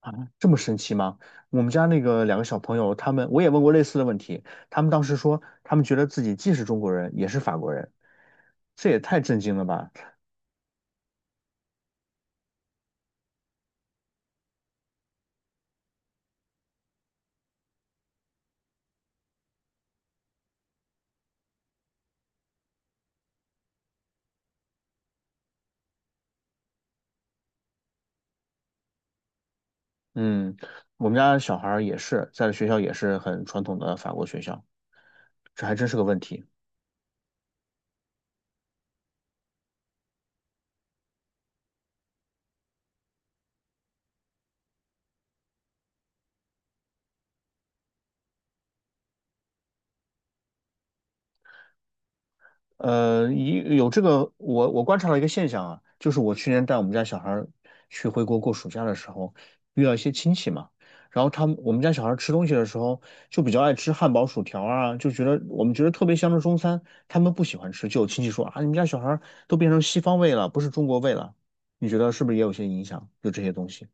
啊，这么神奇吗？我们家那个两个小朋友，他们我也问过类似的问题，他们当时说，他们觉得自己既是中国人，也是法国人，这也太震惊了吧？嗯，我们家小孩儿也是，在学校也是很传统的法国学校，这还真是个问题。一有这个，我观察到一个现象啊，就是我去年带我们家小孩儿去回国过暑假的时候，遇到一些亲戚嘛，然后他们我们家小孩儿吃东西的时候就比较爱吃汉堡、薯条啊，就觉得我们觉得特别香的中餐，他们不喜欢吃，就有亲戚说啊，你们家小孩儿都变成西方味了，不是中国味了，你觉得是不是也有些影响？就这些东西，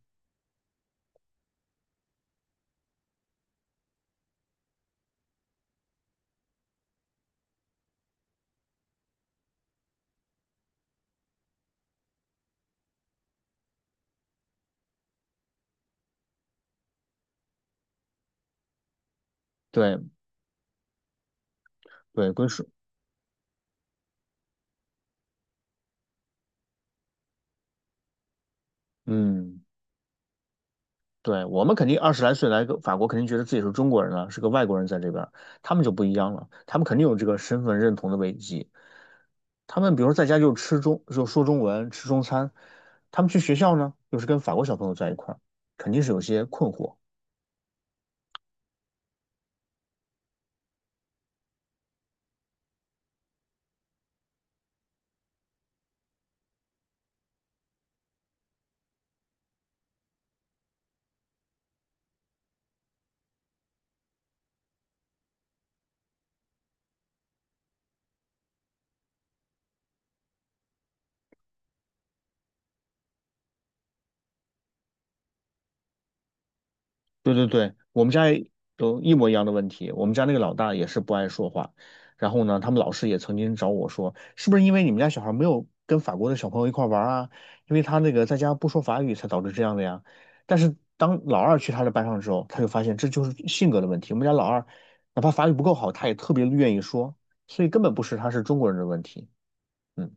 对对，归属，嗯。对，我们肯定20来岁来个法国，肯定觉得自己是中国人了，是个外国人在这边儿他们就不一样了，他们肯定有这个身份认同的危机。他们比如说在家就就说中文，吃中餐，他们去学校呢，又是跟法国小朋友在一块儿，肯定是有些困惑。对对对，我们家也有一模一样的问题。我们家那个老大也是不爱说话，然后呢，他们老师也曾经找我说，是不是因为你们家小孩没有跟法国的小朋友一块儿玩儿啊？因为他那个在家不说法语才导致这样的呀。但是当老二去他的班上之后，他就发现这就是性格的问题。我们家老二哪怕法语不够好，他也特别愿意说，所以根本不是他是中国人的问题。嗯，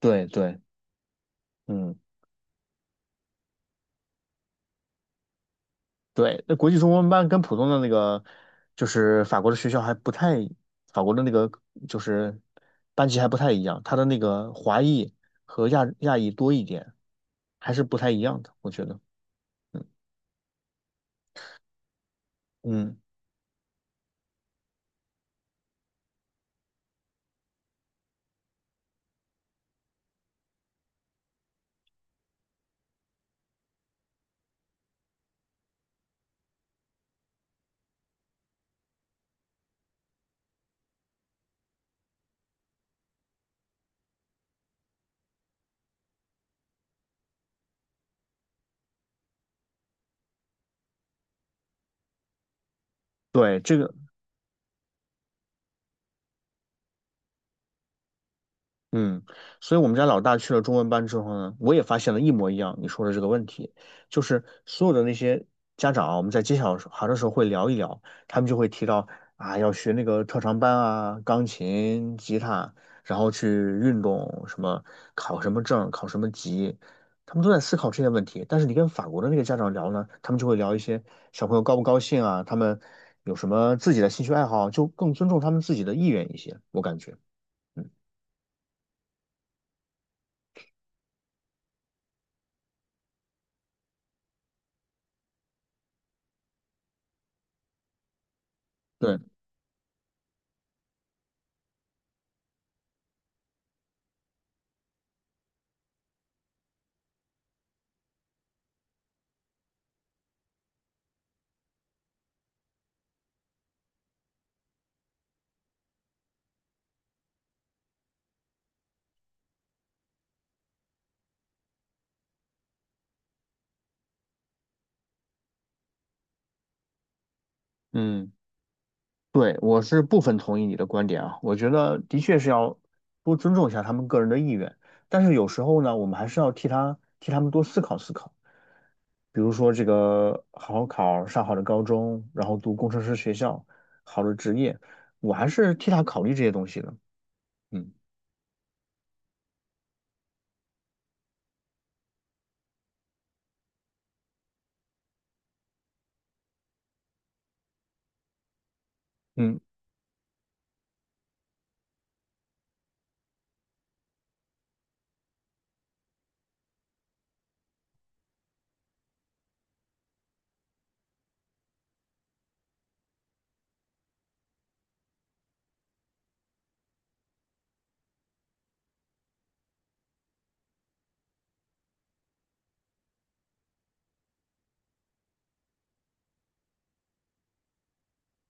对对，嗯。对，那国际中文班跟普通的那个，就是法国的学校还不太，法国的那个就是班级还不太一样，它的那个华裔和亚裔多一点，还是不太一样的，我觉得。嗯，对，这个。嗯，所以我们家老大去了中文班之后呢，我也发现了一模一样你说的这个问题，就是所有的那些家长啊，我们在接小孩的时候会聊一聊，他们就会提到啊，要学那个特长班啊，钢琴、吉他，然后去运动，什么考什么证、考什么级，他们都在思考这些问题。但是你跟法国的那个家长聊呢，他们就会聊一些小朋友高不高兴啊，他们有什么自己的兴趣爱好，就更尊重他们自己的意愿一些，我感觉。嗯，对，嗯。对，我是部分同意你的观点啊，我觉得的确是要多尊重一下他们个人的意愿，但是有时候呢，我们还是要替他们多思考思考，比如说这个好好考上好的高中，然后读工程师学校，好的职业，我还是替他考虑这些东西的。嗯嗯，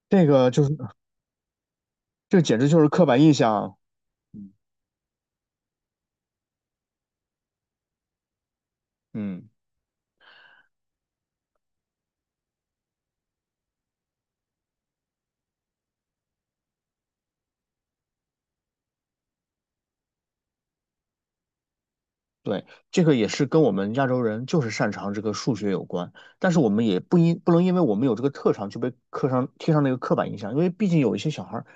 这个就是这简直就是刻板印象啊。嗯嗯。对，这个也是跟我们亚洲人就是擅长这个数学有关，但是我们也不能因为我们有这个特长就被贴上那个刻板印象，因为毕竟有一些小孩儿，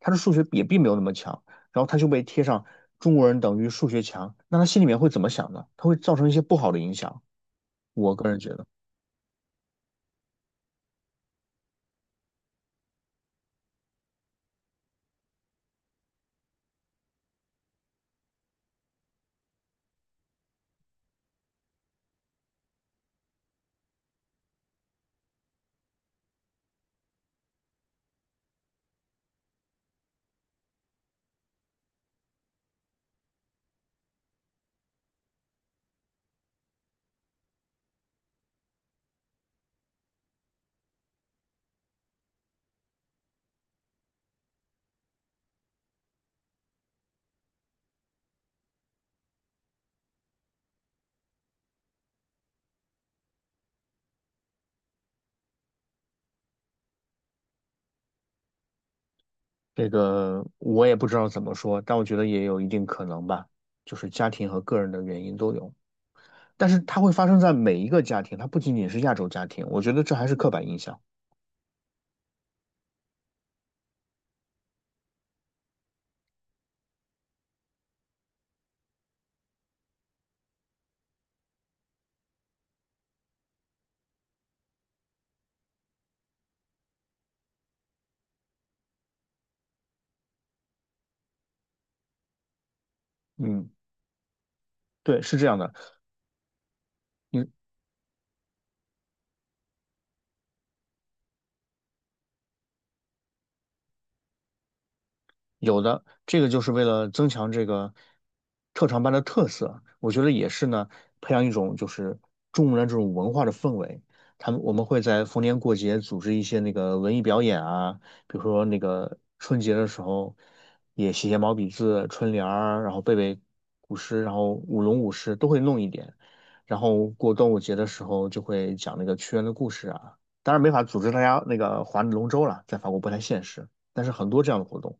他的数学也并没有那么强，然后他就被贴上中国人等于数学强，那他心里面会怎么想呢？他会造成一些不好的影响。我个人觉得这个我也不知道怎么说，但我觉得也有一定可能吧，就是家庭和个人的原因都有，但是它会发生在每一个家庭，它不仅仅是亚洲家庭，我觉得这还是刻板印象。嗯。对，是这样的。你有的，这个就是为了增强这个特长班的特色，我觉得也是呢，培养一种就是中国人这种文化的氛围。我们会在逢年过节组织一些那个文艺表演啊，比如说那个春节的时候，也写写毛笔字、春联儿，然后背背古诗，然后舞龙舞狮都会弄一点。然后过端午节的时候就会讲那个屈原的故事啊，当然没法组织大家那个划龙舟了，在法国不太现实，但是很多这样的活动。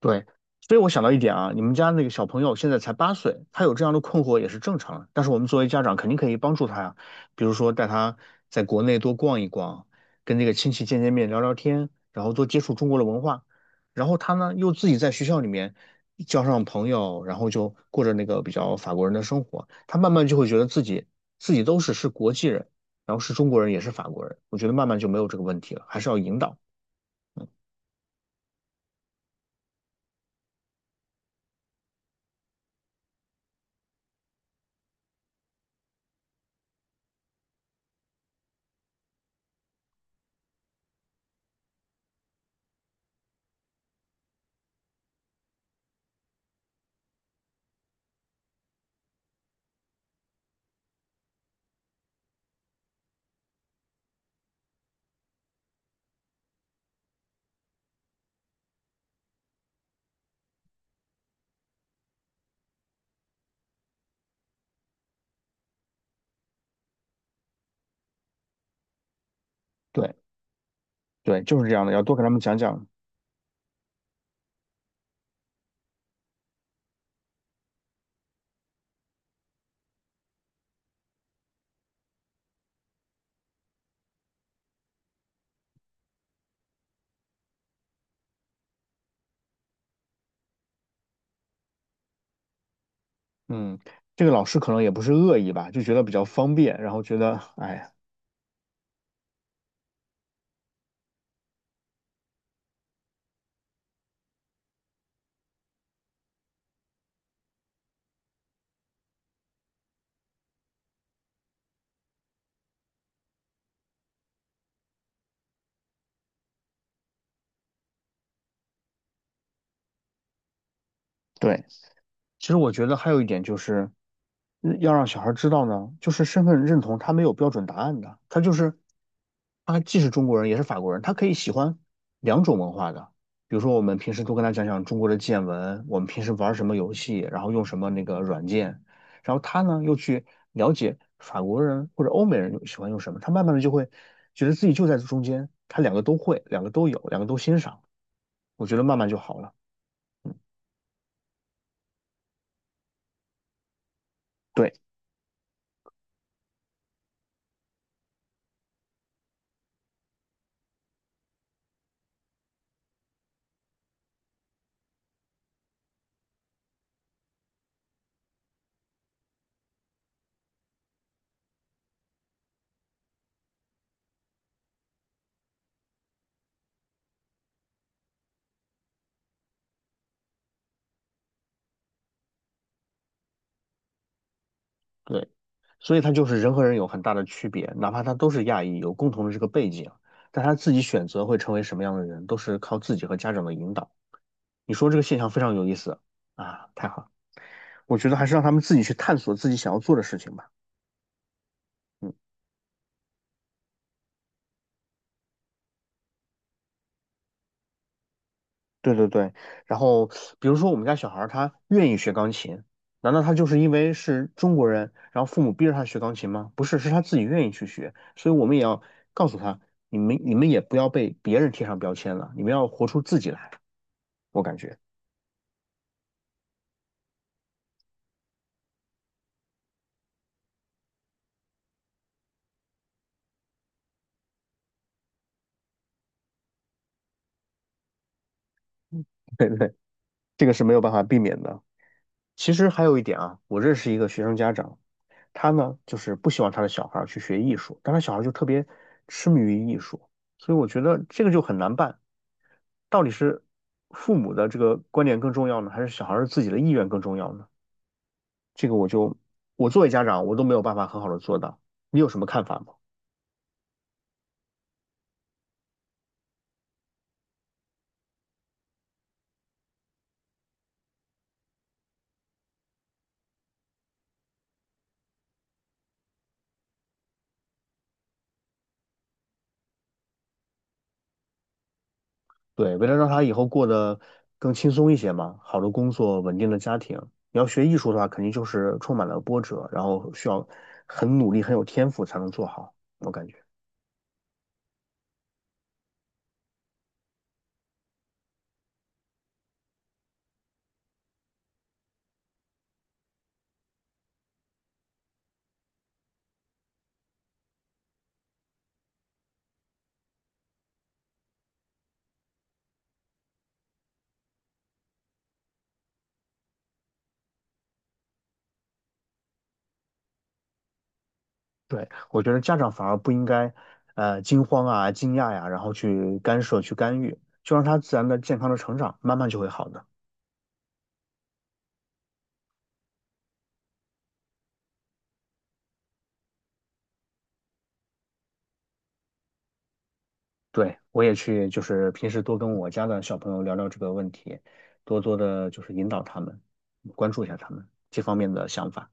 对，所以我想到一点啊，你们家那个小朋友现在才8岁，他有这样的困惑也是正常的。但是我们作为家长，肯定可以帮助他呀，比如说带他在国内多逛一逛，跟那个亲戚见见面、聊聊天，然后多接触中国的文化。然后他呢，又自己在学校里面交上朋友，然后就过着那个比较法国人的生活，他慢慢就会觉得自己都是国际人，然后是中国人也是法国人。我觉得慢慢就没有这个问题了，还是要引导。对对，就是这样的，要多给他们讲讲。嗯，这个老师可能也不是恶意吧，就觉得比较方便，然后觉得，哎，对。其实我觉得还有一点就是，要让小孩知道呢，就是身份认同他没有标准答案的，他既是中国人也是法国人，他可以喜欢两种文化的。比如说，我们平时多跟他讲讲中国的见闻，我们平时玩什么游戏，然后用什么那个软件，然后他呢又去了解法国人或者欧美人又喜欢用什么，他慢慢的就会觉得自己就在中间，他两个都会，两个都有，两个都欣赏，我觉得慢慢就好了。对。对，所以他就是人和人有很大的区别，哪怕他都是亚裔，有共同的这个背景，但他自己选择会成为什么样的人，都是靠自己和家长的引导。你说这个现象非常有意思啊，太好了，我觉得还是让他们自己去探索自己想要做的事情吧。嗯，对对对。然后比如说我们家小孩儿他愿意学钢琴，难道他就是因为是中国人，然后父母逼着他学钢琴吗？不是，是他自己愿意去学。所以我们也要告诉他，你们也不要被别人贴上标签了，你们要活出自己来。我感觉这个是没有办法避免的。其实还有一点啊，我认识一个学生家长，他呢就是不希望他的小孩儿去学艺术，但他小孩儿就特别痴迷于艺术，所以我觉得这个就很难办。到底是父母的这个观点更重要呢，还是小孩儿自己的意愿更重要呢？这个我就我作为家长，我都没有办法很好的做到。你有什么看法吗？对，为了让他以后过得更轻松一些嘛，好的工作，稳定的家庭。你要学艺术的话，肯定就是充满了波折，然后需要很努力、很有天赋才能做好。我感觉，对，我觉得家长反而不应该，惊慌啊、惊讶呀、然后去干涉、去干预，就让他自然的、健康的成长，慢慢就会好的。对，我也去，就是平时多跟我家的小朋友聊聊这个问题，多多的就是引导他们，关注一下他们这方面的想法。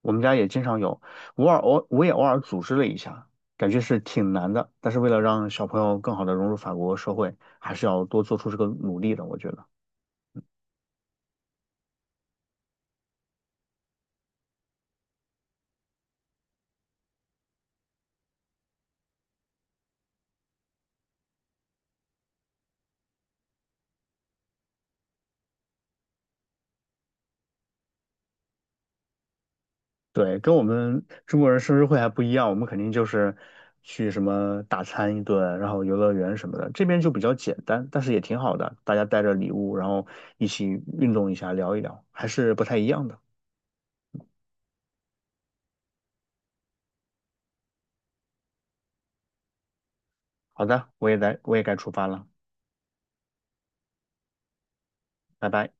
我们家也经常有，偶尔偶我也偶尔组织了一下，感觉是挺难的，但是为了让小朋友更好的融入法国社会，还是要多做出这个努力的，我觉得。对，跟我们中国人生日会还不一样，我们肯定就是去什么大餐一顿，然后游乐园什么的，这边就比较简单，但是也挺好的，大家带着礼物，然后一起运动一下，聊一聊，还是不太一样的。好的，我也来，我也该出发了，拜拜。